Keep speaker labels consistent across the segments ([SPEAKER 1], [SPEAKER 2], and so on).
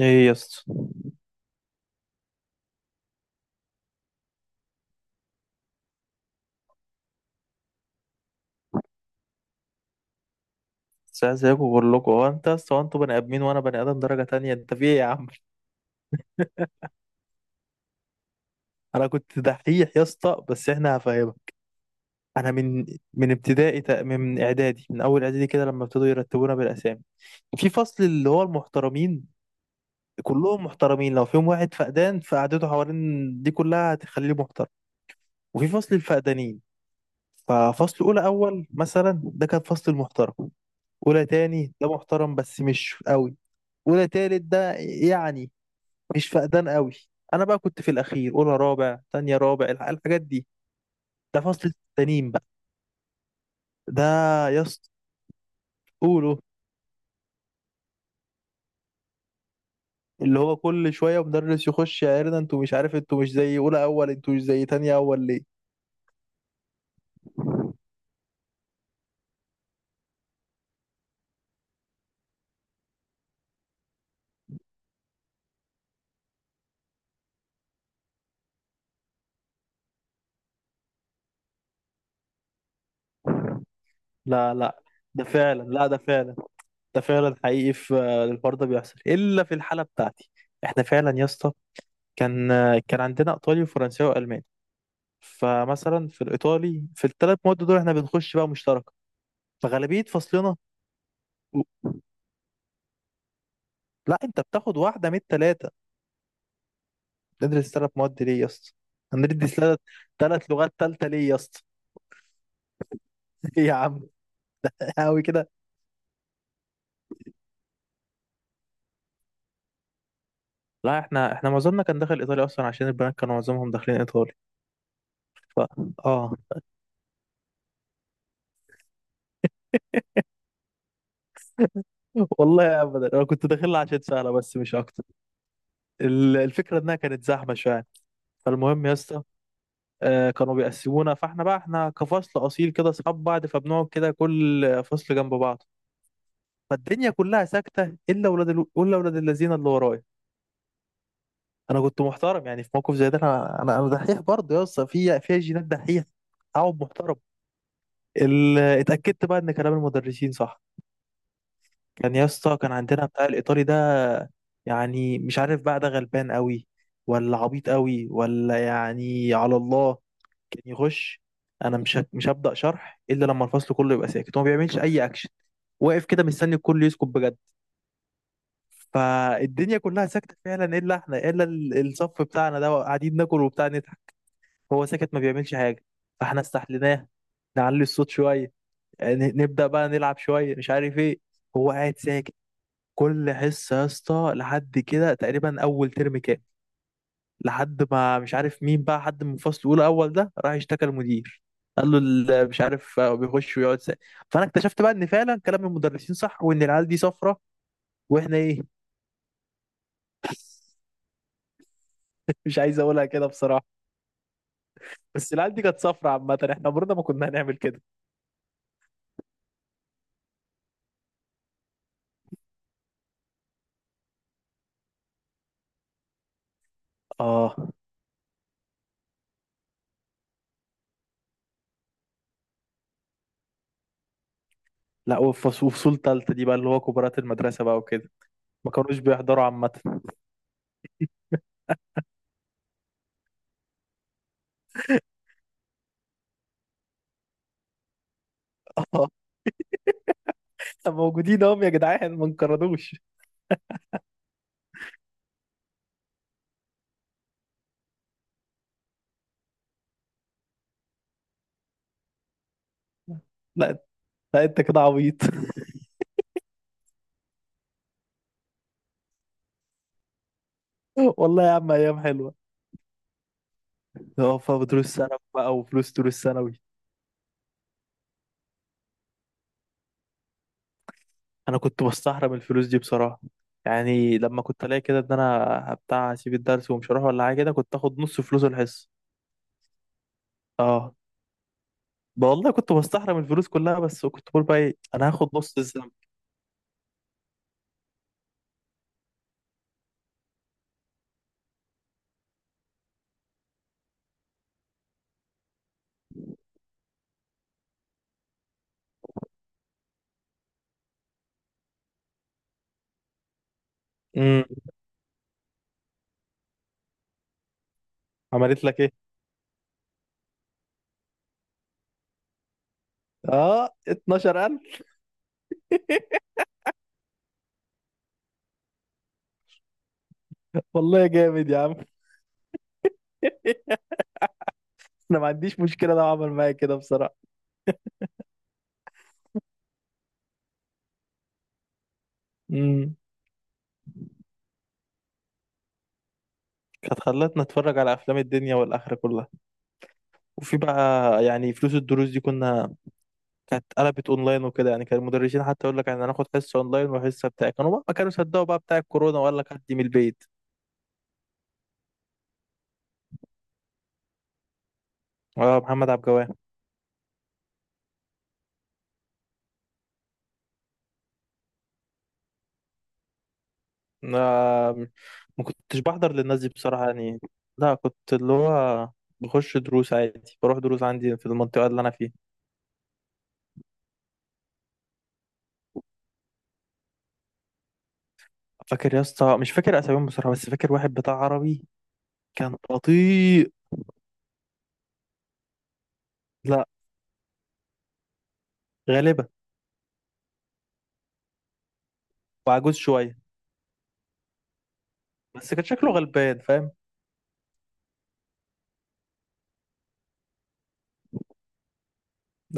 [SPEAKER 1] ايه يا اسطى؟ ساعة زيكم كلكم، هو انت يا اسطى، هو انتوا بني ادمين وانا بني ادم درجة تانية، انت في ايه يا عم؟ انا كنت دحيح يا اسطى، بس احنا هفهمك. انا من ابتدائي، من اعدادي، من اول اعدادي كده لما ابتدوا يرتبونا بالاسامي في فصل اللي هو المحترمين، كلهم محترمين، لو فيهم واحد فقدان فقعدته حوالين دي كلها هتخليه محترم. وفي فصل الفقدانين. ففصل اولى اول مثلا ده كان فصل المحترم، اولى تاني ده محترم بس مش قوي، اولى تالت ده يعني مش فقدان قوي. انا بقى كنت في الاخير، اولى رابع، تانية رابع، الحاجات دي. ده فصل التانيين بقى. ده يا اسطى، قولوا. اللي هو كل شويه مدرس يخش يعيرنا، انتوا مش عارف، انتوا مش زي اولى اول، انتوا مش زي تانية اول ليه. لا لا، ده فعلا، لا ده فعلا، ده فعلا حقيقي في، الحوار ده بيحصل الا في الحاله بتاعتي. احنا فعلا يا اسطى، كان عندنا ايطالي وفرنساوي والماني. فمثلا في الايطالي، في ال3 مواد دول، احنا بنخش بقى مشتركه. فغالبيه فصلنا. لا، انت بتاخد واحده من التلاته. تدرس 3 مواد ليه يا اسطى؟ هندرس ثلاث لغات تالته ليه يا اسطى؟ ايه يا عم؟ قوي كده. لا، احنا معظمنا كان داخل ايطالي اصلا، عشان البنات كانوا معظمهم داخلين ايطالي. ف اه. والله ابدا، انا كنت داخلها عشان سهله بس مش اكتر. الفكره انها كانت زحمه شويه. فالمهم يا اسطى، كانوا بيقسمونا، فاحنا بقى احنا كفصل اصيل كده اصحاب بعض، فبنقعد كده كل فصل جنب بعض. فالدنيا كلها ساكته الا ولاد الذين اللي ورايا. انا كنت محترم، يعني في موقف زي ده انا دحيح برضه يا اسطى، في جينات دحيح. اقعد محترم. اتاكدت بقى ان كلام المدرسين صح. كان يا اسطى، كان عندنا بتاع الايطالي ده. يعني مش عارف بقى، ده غلبان قوي ولا عبيط قوي ولا يعني على الله. كان يخش، انا مش هبدا شرح الا لما الفصل كله يبقى ساكت. هو ما بيعملش اي اكشن، واقف كده مستني الكل يسكت بجد. فالدنيا كلها ساكته فعلا الا احنا، الا الصف بتاعنا ده قاعدين ناكل وبتاع نضحك. هو ساكت، ما بيعملش حاجة. فاحنا استحليناه، نعلي الصوت شوية، نبدأ بقى نلعب شوية مش عارف ايه. هو قاعد ساكت. كل حصة يا اسطى لحد كده، تقريبا أول ترم كام، لحد ما مش عارف مين بقى، حد من فصل أولى أول ده راح اشتكى المدير، قال له، مش عارف، بيخش ويقعد ساكت. فأنا اكتشفت بقى إن فعلا كلام المدرسين صح، وإن العيال دي صفرة. وإحنا إيه؟ مش عايز أقولها كده بصراحة، بس العيال دي كانت صفرة عامة، إحنا عمرنا ما كنا هنعمل كده. آه، لا وفصول تالتة دي بقى اللي هو كبارات المدرسة بقى وكده، ما كانوش بيحضروا عامة. اه، موجودين اهم يا جدعان، ما انقرضوش. لا لا، انت كده عبيط. والله يا عم، ايام حلوة. اه، فدروس ثانوي بقى وفلوس دروس ثانوي. انا كنت بستحرم الفلوس دي بصراحة. يعني لما كنت الاقي كده ان انا بتاع اسيب الدرس ومش هروح ولا حاجة كده، كنت اخد نص فلوس الحصة. اه. بقى والله كنت بستحرم الفلوس كلها، بس كنت بقول بقى ايه، انا هاخد نص الذنب. امم. عملت لك ايه؟ اه، 12,000. والله جامد يا عم. انا ما عنديش مشكله لو عمل معايا كده بصراحه. امم. كانت خلتنا نتفرج على افلام الدنيا والاخره كلها. وفي بقى، يعني فلوس الدروس دي كانت قلبت اونلاين وكده، يعني كان المدرسين حتى يقول لك احنا هناخد حصه اونلاين وحصه بتاع، كانوا بقى ما كانوا صدقوا بقى بتاع الكورونا، وقال لك هدي من البيت. اه، محمد عبد الجواد. آه، ما كنتش بحضر للناس دي بصراحه يعني. لا، كنت اللي هو بخش دروس عادي، بروح دروس عندي في المنطقه اللي انا فيها. فاكر يا اسطى، مش فاكر اساميهم بصراحه بس فاكر واحد بتاع عربي. كان بطيء. لا، غالبا. وعجوز شويه. بس كان شكله غلبان فاهم.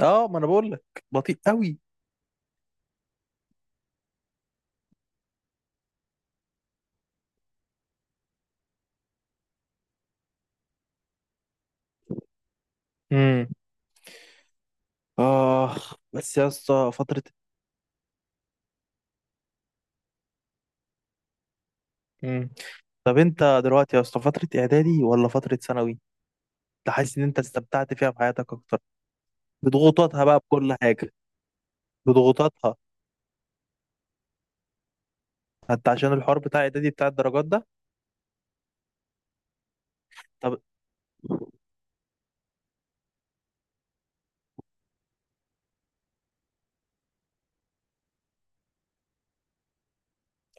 [SPEAKER 1] اه، ما انا بقول لك، بطيء قوي. امم. اخ بس يا اسطى، فتره. امم. طب انت دلوقتي يا اسطى، فتره اعدادي ولا فتره ثانوي؟ انت حاسس ان انت استمتعت فيها في حياتك اكتر؟ بضغوطاتها بقى، بكل حاجه، بضغوطاتها. حتى عشان الحوار بتاع اعدادي بتاع الدرجات ده. طب.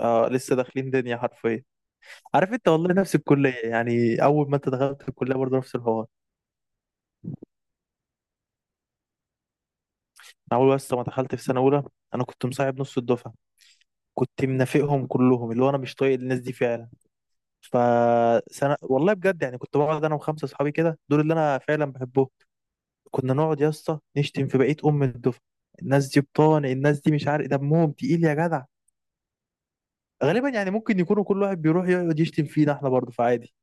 [SPEAKER 1] آه، لسه داخلين دنيا حرفيا. عارف انت، والله نفس الكليه، يعني اول ما انت دخلت الكليه برضه نفس الحوار. انا اول بس ما دخلت في سنه اولى، انا كنت مصاحب نص الدفعه، كنت منافقهم كلهم، اللي هو انا مش طايق الناس دي فعلا. فسنه والله بجد يعني، كنت بقعد انا وخمسه اصحابي كده، دول اللي انا فعلا بحبهم. كنا نقعد يا اسطى نشتم في بقيه ام الدفعه. الناس دي بطان، الناس دي مش عارف دمهم تقيل يا جدع. غالبا يعني ممكن يكونوا كل واحد بيروح يقعد يشتم فينا احنا برضه، فعادي.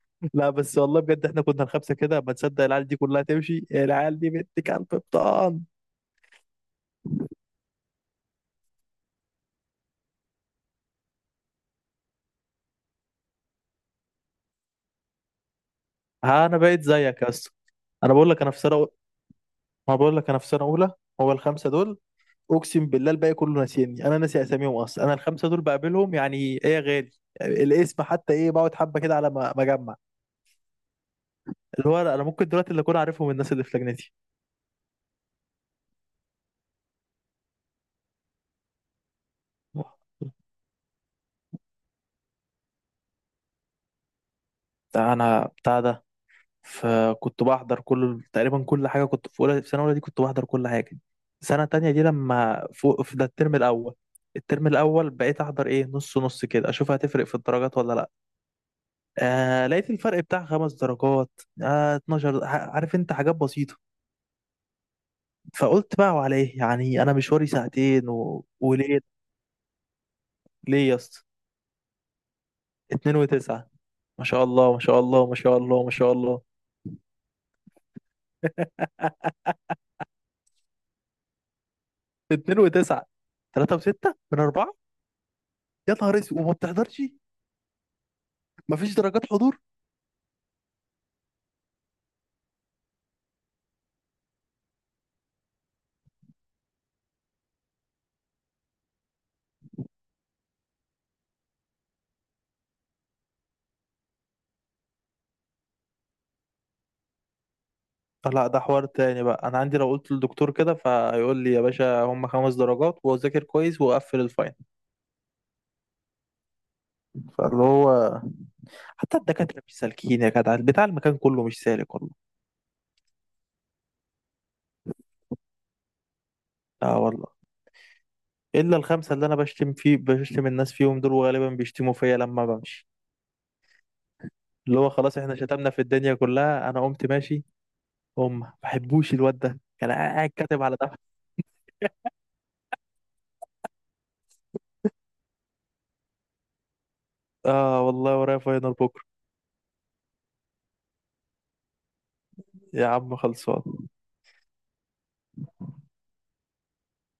[SPEAKER 1] لا بس والله بجد، احنا كنا الخمسه كده، ما تصدق العيال دي كلها تمشي، العيال دي بنت كلب بطان. ها، انا بقيت زيك يا اسطى. انا بقول لك انا في سنه، ما بقول لك انا في سنه اولى، هو الخمسه دول. اقسم بالله الباقي كله ناسيني، انا ناسي اساميهم اصلا، انا الخمسه دول بقابلهم يعني ايه يا غالي. الاسم حتى ايه بقعد حبه كده على ما اجمع. اللي هو انا ممكن دلوقتي اللي اكون عارفهم الناس اللي في لجنتي. ده انا بتاع ده. فكنت بحضر كل، تقريبا كل حاجه، كنت في اولى في سنه اولى دي كنت بحضر كل حاجه. سنه تانية دي لما فوق في ده الترم الاول، الترم الاول بقيت احضر ايه، نص نص كده، اشوف هتفرق في الدرجات ولا لا. آه، لقيت الفرق بتاع 5 درجات. آه، 12. عارف انت حاجات بسيطة. فقلت بقى وعلى ايه، يعني انا مشواري ساعتين و... وليه. ليه يا اسطى؟ 2.9. ما شاء الله، ما شاء الله، ما شاء الله، ما شاء الله. 2.9. 3.6 من 4. يا نهار اسود، وما بتحضرش؟ مفيش درجات حضور؟ لا، ده حوار تاني بقى. أنا عندي لو قلت للدكتور كده فيقول لي يا باشا هم 5 درجات، وأذاكر كويس وأقفل الفاين. فاللي هو حتى الدكاترة مش سالكين يا جدع، بتاع المكان كله مش سالك والله. لا والله. إلا الخمسة اللي أنا بشتم الناس فيهم دول، وغالبا بيشتموا فيا لما بمشي. اللي هو خلاص، إحنا شتمنا في الدنيا كلها، أنا قمت ماشي. هم ما بحبوش الواد ده، كان قاعد كاتب على ده. آه والله، ورايا فاينل بكرة. يا عم، خلصان.